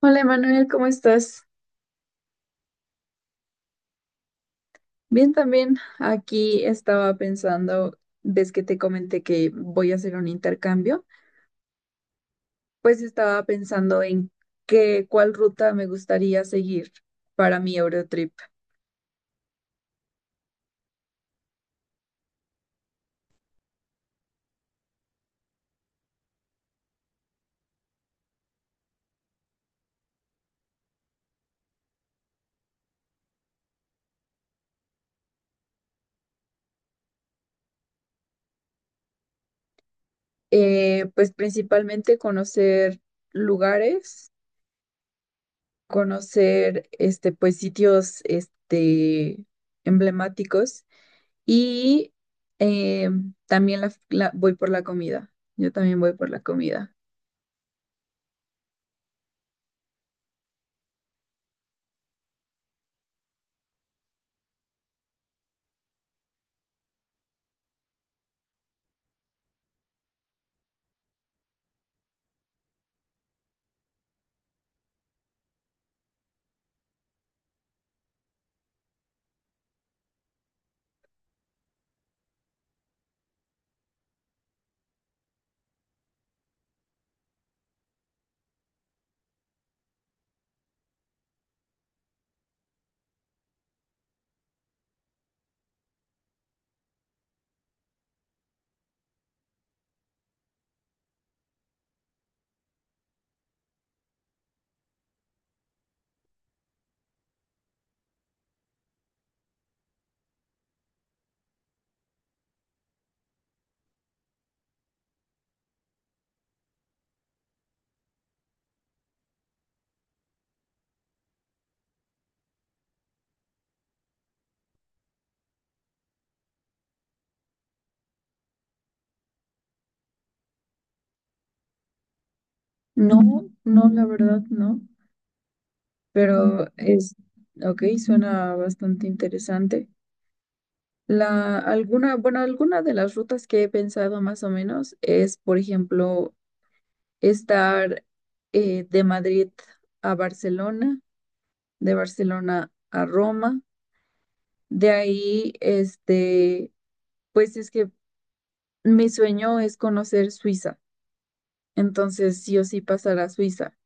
Hola Emanuel, ¿cómo estás? Bien también. Aquí estaba pensando, ves que te comenté que voy a hacer un intercambio, pues estaba pensando en cuál ruta me gustaría seguir para mi Eurotrip. Pues principalmente conocer lugares, conocer este, pues sitios este, emblemáticos y eh, también voy por la comida. Yo también voy por la comida. No, no, la verdad no, pero es, ok, suena bastante interesante. Bueno, alguna de las rutas que he pensado más o menos es, por ejemplo, estar de Madrid a Barcelona, de Barcelona a Roma, de ahí, este, pues es que mi sueño es conocer Suiza, entonces sí o sí pasar a Suiza.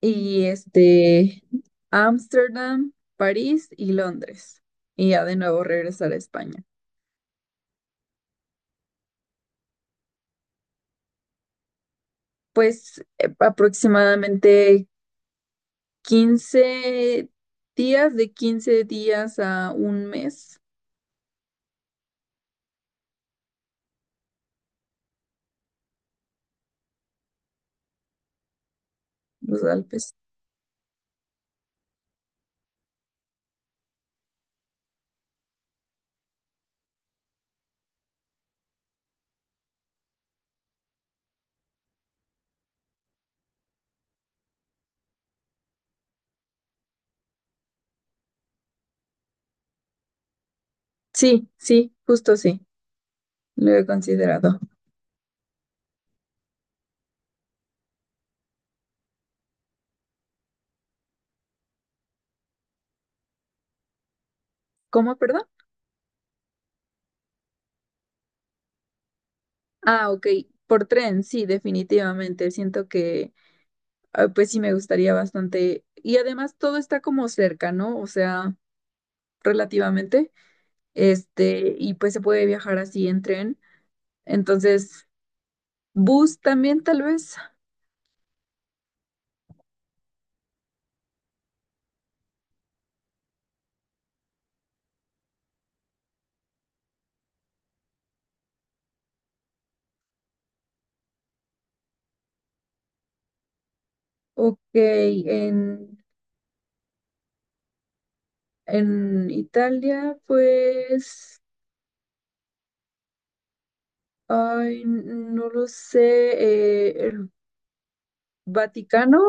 Y este, Ámsterdam, París y Londres. Y ya de nuevo regresar a España. Pues aproximadamente 15 días, de 15 días a un mes, los Alpes. Sí, sí, justo sí, lo he considerado. ¿Cómo, perdón? Ah, ok, por tren, sí, definitivamente. Siento que, ah, pues sí, me gustaría bastante. Y además todo está como cerca, ¿no? O sea, relativamente. Este, y pues se puede viajar así en tren. Entonces, bus también tal vez. Ok, en Italia, pues, ay, no lo sé, el Vaticano,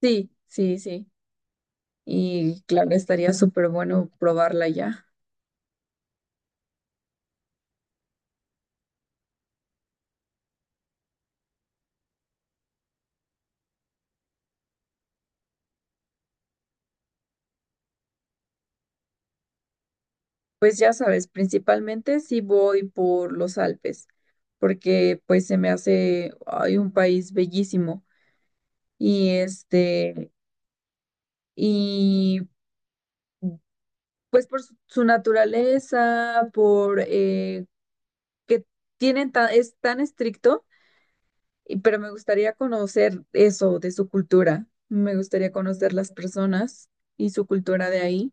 sí, sí, sí. Y claro, estaría súper bueno probarla ya. Pues ya sabes, principalmente si voy por los Alpes, porque pues se me hace, ay, un país bellísimo. Y este, y pues por su naturaleza, por que es tan estricto, pero me gustaría conocer eso de su cultura. Me gustaría conocer las personas y su cultura de ahí.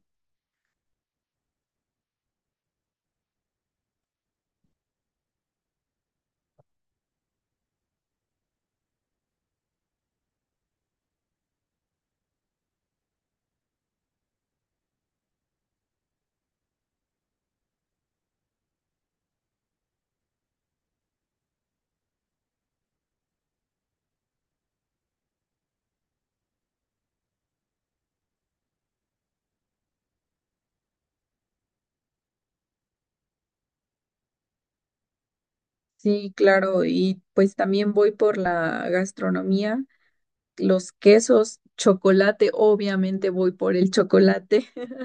Sí, claro, y pues también voy por la gastronomía, los quesos, chocolate, obviamente voy por el chocolate.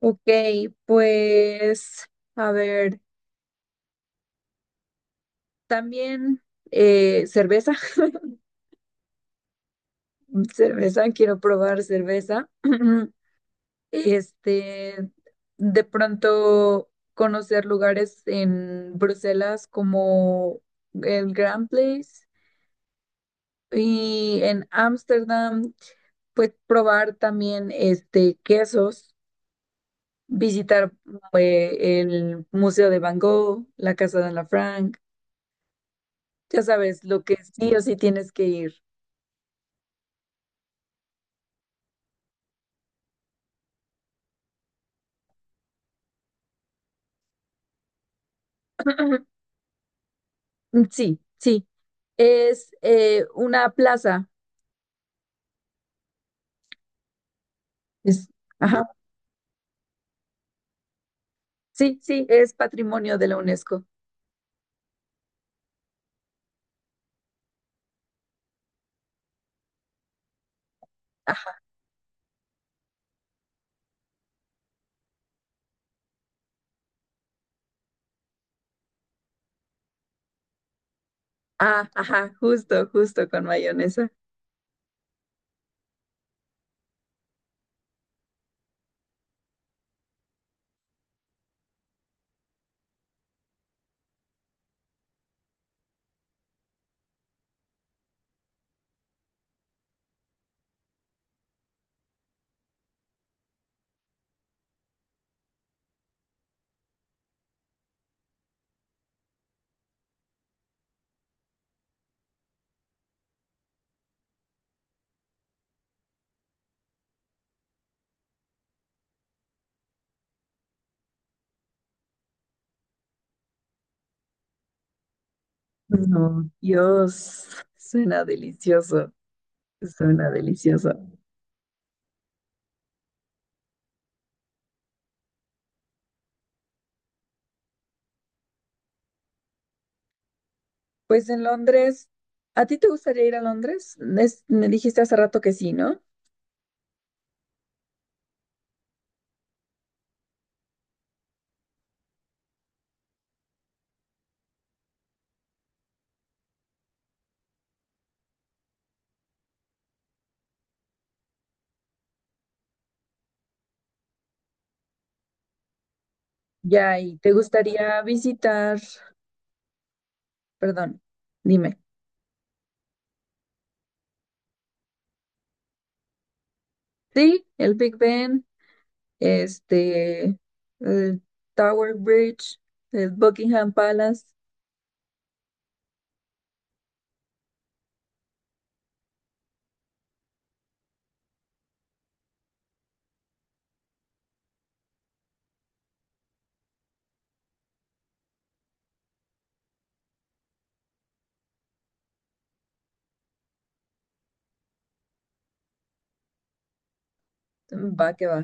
Ok, pues a ver, también cerveza. Cerveza, quiero probar cerveza. Este, de pronto conocer lugares en Bruselas como el Grand Place y en Ámsterdam, pues probar también este quesos, visitar el Museo de Van Gogh, la Casa de Ana Frank, ya sabes, lo que sí o sí tienes que ir. Sí, sí. Es una plaza. Es, ajá, sí, sí, es patrimonio de la UNESCO. Ah, ah, ajá, justo, justo con mayonesa. No, Dios, suena delicioso, suena delicioso. Pues en Londres, ¿a ti te gustaría ir a Londres? Es- me dijiste hace rato que sí, ¿no? Ya, y te gustaría visitar, perdón, dime. Sí, el Big Ben, este, el Tower Bridge, el Buckingham Palace, va que va.